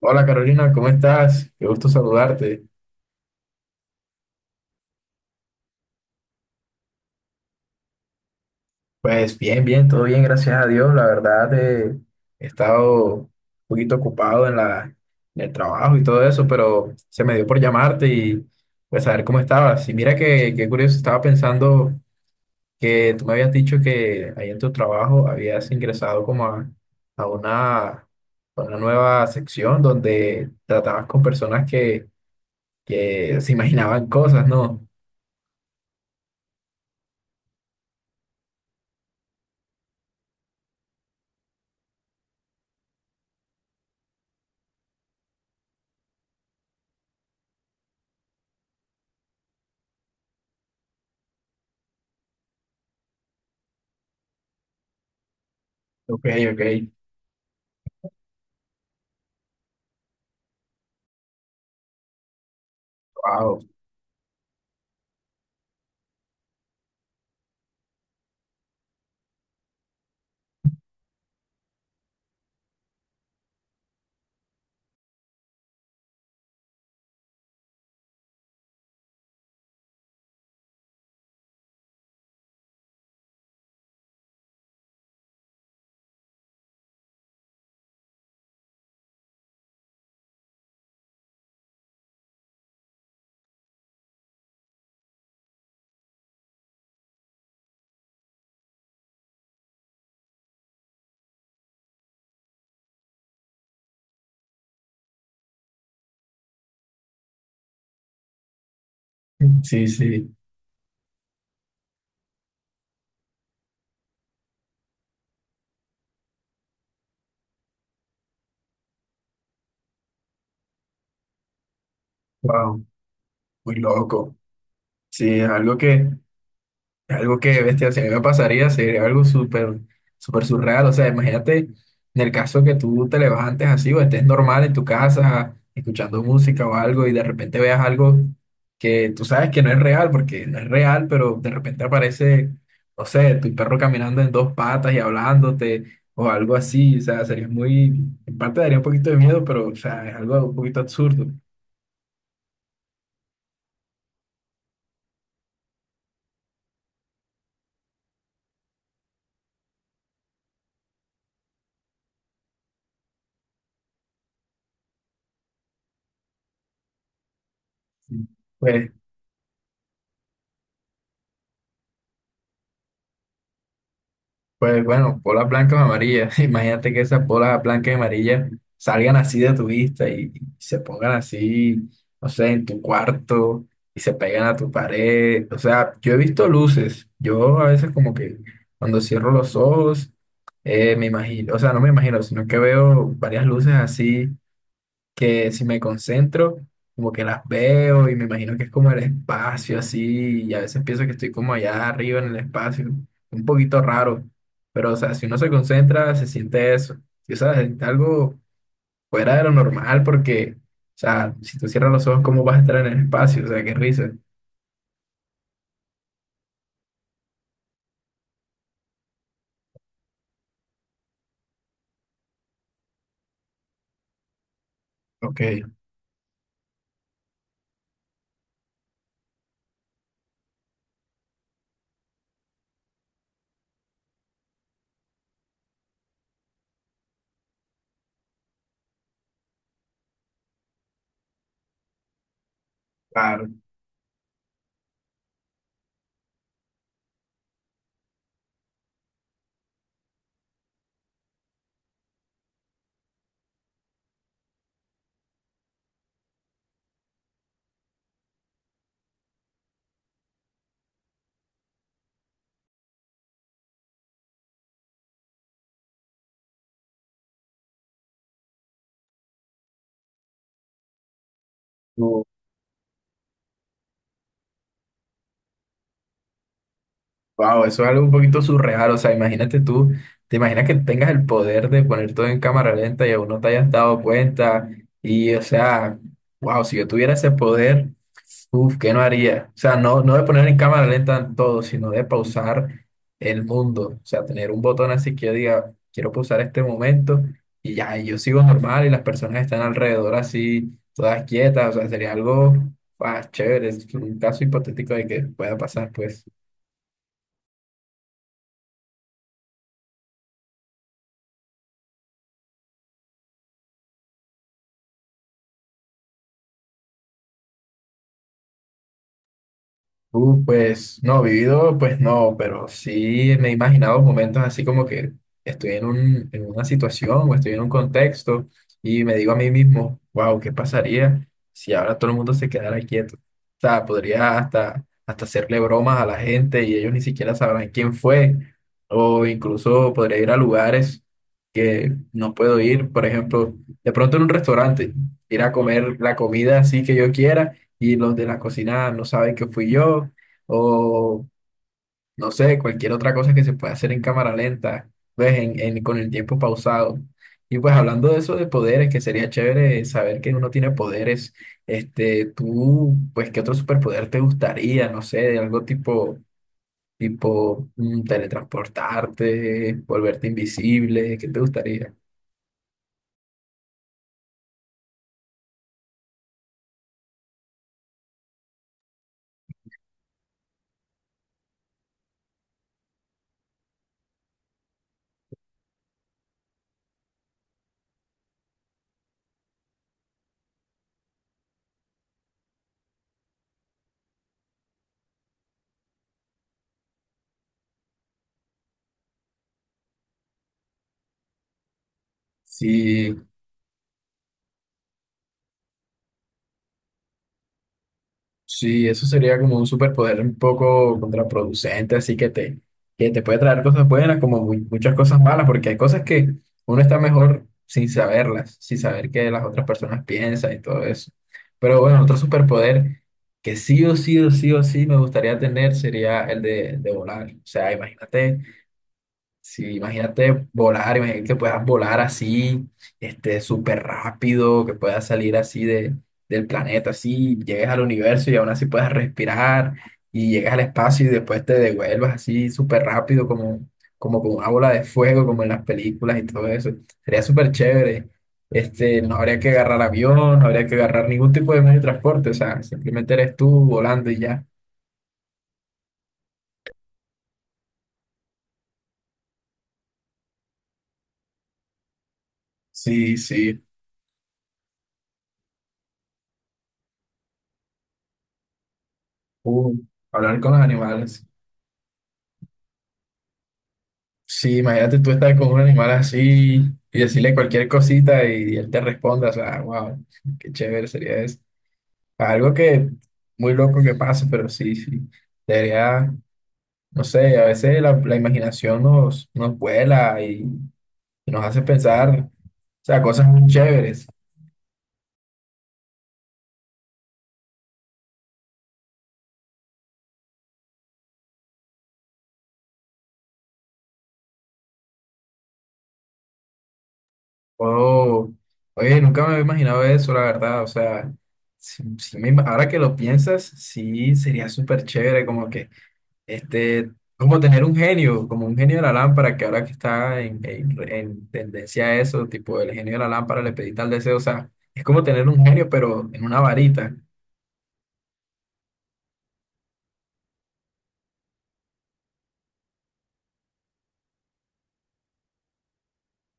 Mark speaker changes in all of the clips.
Speaker 1: Hola Carolina, ¿cómo estás? Qué gusto saludarte. Pues bien, todo bien, gracias a Dios. La verdad, he estado un poquito ocupado en el trabajo y todo eso, pero se me dio por llamarte y pues saber cómo estabas. Y mira qué curioso, estaba pensando que tú me habías dicho que ahí en tu trabajo habías ingresado como a una nueva sección donde tratabas con personas que se imaginaban cosas, ¿no? Ok, ok. Wow. Sí, sí, wow, muy loco. Sí, es algo es algo que, bestia, si a mí me pasaría, sería algo súper surreal. O sea, imagínate en el caso que tú te levantes así o estés normal en tu casa escuchando música o algo y de repente veas algo que tú sabes que no es real, porque no es real, pero de repente aparece, no sé, tu perro caminando en dos patas y hablándote o algo así. O sea, sería muy, en parte daría un poquito de miedo, pero, o sea, es algo un poquito absurdo. Sí. Pues. Pues bueno, bolas blancas o amarillas. Imagínate que esas bolas blancas y amarillas salgan así de tu vista y se pongan así, no sé, en tu cuarto y se pegan a tu pared. O sea, yo he visto luces. Yo a veces como que cuando cierro los ojos, me imagino, o sea, no me imagino, sino que veo varias luces así que si me concentro, como que las veo y me imagino que es como el espacio así, y a veces pienso que estoy como allá arriba en el espacio, un poquito raro, pero o sea, si uno se concentra, se siente eso, o sea, se siente algo fuera de lo normal porque, o sea, si tú cierras los ojos, ¿cómo vas a estar en el espacio? O sea, qué risa. Ok, claro. Wow, eso es algo un poquito surreal. O sea, imagínate tú, te imaginas que tengas el poder de poner todo en cámara lenta y aún no te hayas dado cuenta. Y, o sea, wow, si yo tuviera ese poder, uf, ¿qué no haría? O sea, no de poner en cámara lenta todo, sino de pausar el mundo. O sea, tener un botón así que yo diga, quiero pausar este momento y ya, y yo sigo normal y las personas están alrededor así, todas quietas. O sea, sería algo, ah, chévere. Es un caso hipotético de que pueda pasar, pues. Pues no, vivido, pues no, pero sí me he imaginado momentos así como que estoy en una situación o estoy en un contexto y me digo a mí mismo, wow, ¿qué pasaría si ahora todo el mundo se quedara quieto? O sea, podría hasta hacerle bromas a la gente y ellos ni siquiera sabrán quién fue, o incluso podría ir a lugares que no puedo ir, por ejemplo, de pronto en un restaurante, ir a comer la comida así que yo quiera y los de la cocina no saben que fui yo, o no sé, cualquier otra cosa que se pueda hacer en cámara lenta, pues con el tiempo pausado. Y pues hablando de eso de poderes, que sería chévere saber que uno tiene poderes, este, tú, pues, ¿qué otro superpoder te gustaría? No sé, de tipo mm, teletransportarte, volverte invisible, ¿qué te gustaría? Sí, sí, eso sería como un superpoder un poco contraproducente, así que que te puede traer cosas buenas como muchas cosas malas, porque hay cosas que uno está mejor sin saberlas, sin saber qué las otras personas piensan y todo eso. Pero bueno, otro superpoder que sí o sí o sí o sí me gustaría tener sería el de volar. O sea, imagínate. Sí, imagínate volar, imagínate que puedas volar así, este, súper rápido, que puedas salir así del planeta, así, llegues al universo y aún así puedas respirar y llegas al espacio y después te devuelvas así súper rápido como con una bola de fuego, como en las películas y todo eso. Sería súper chévere. Este, no habría que agarrar avión, no habría que agarrar ningún tipo de medio de transporte, o sea, simplemente eres tú volando y ya. Sí, sí. Uh, hablar con los animales. Sí, imagínate tú estar con un animal así y decirle cualquier cosita él te responda, o sea, wow, qué chévere sería eso. Algo que muy loco que pase, pero sí, sí, debería, no sé, a veces la imaginación nos vuela y nos hace pensar, o sea, cosas muy chéveres. Oh, oye, nunca me había imaginado eso, la verdad, o sea, ahora que lo piensas, sí, sería súper chévere, como que este, como tener un genio, como un genio de la lámpara, que ahora que está en tendencia a eso, tipo el genio de la lámpara le pedí tal deseo, o sea, es como tener un genio, pero en una varita,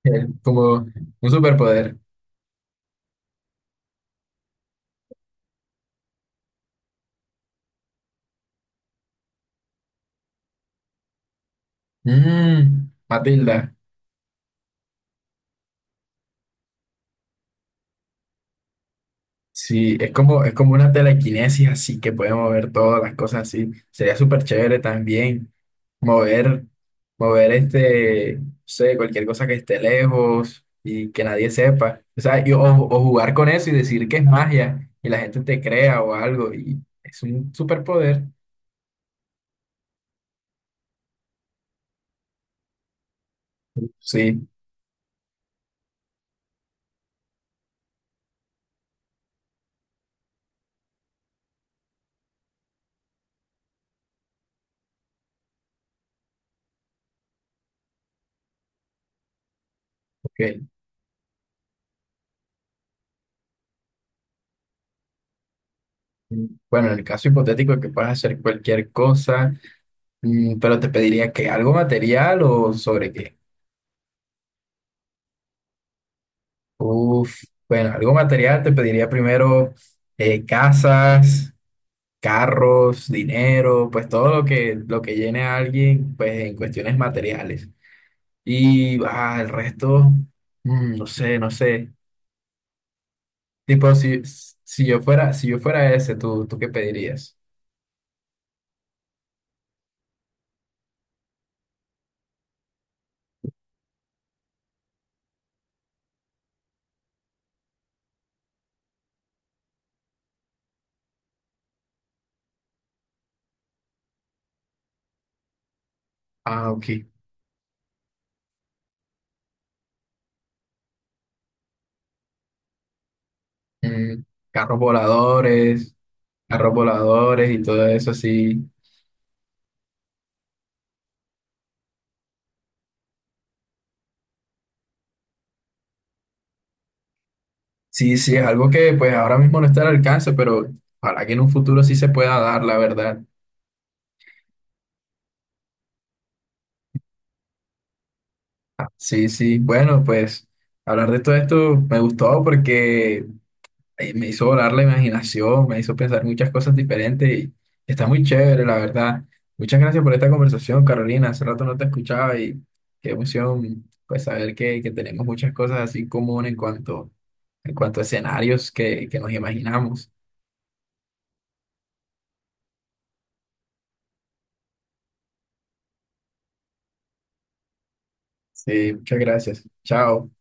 Speaker 1: el- como un superpoder. Mm, Matilda. Sí, es como una telequinesis así que puede mover todas las cosas así. Sería súper chévere también mover, mover este, no sé, cualquier cosa que esté lejos y que nadie sepa. O sea, o jugar con eso y decir que es magia y la gente te crea o algo y es un superpoder. Sí, ok. Bueno, en el caso hipotético de que puedas hacer cualquier cosa, mm, pero te pediría que algo material o sobre qué. Uf, bueno, algo material te pediría primero casas, carros, dinero, pues todo lo lo que llene a alguien, pues en cuestiones materiales. Y ah, el resto, mm, no sé, no sé. Tipo, si yo fuera, si yo fuera ese, tú qué pedirías? Ah, ok. Mm, carros voladores, carros voladores y todo eso, sí. Sí, sí, es algo que pues ahora mismo no está al alcance, pero ojalá que en un futuro sí se pueda dar, la verdad. Sí, sí, bueno, pues hablar de todo esto me gustó porque me hizo volar la imaginación, me hizo pensar muchas cosas diferentes y está muy chévere, la verdad. Muchas gracias por esta conversación, Carolina. Hace rato no te escuchaba y qué emoción, pues saber que tenemos muchas cosas así en común en cuanto a escenarios que nos imaginamos. Sí, muchas gracias. Chao.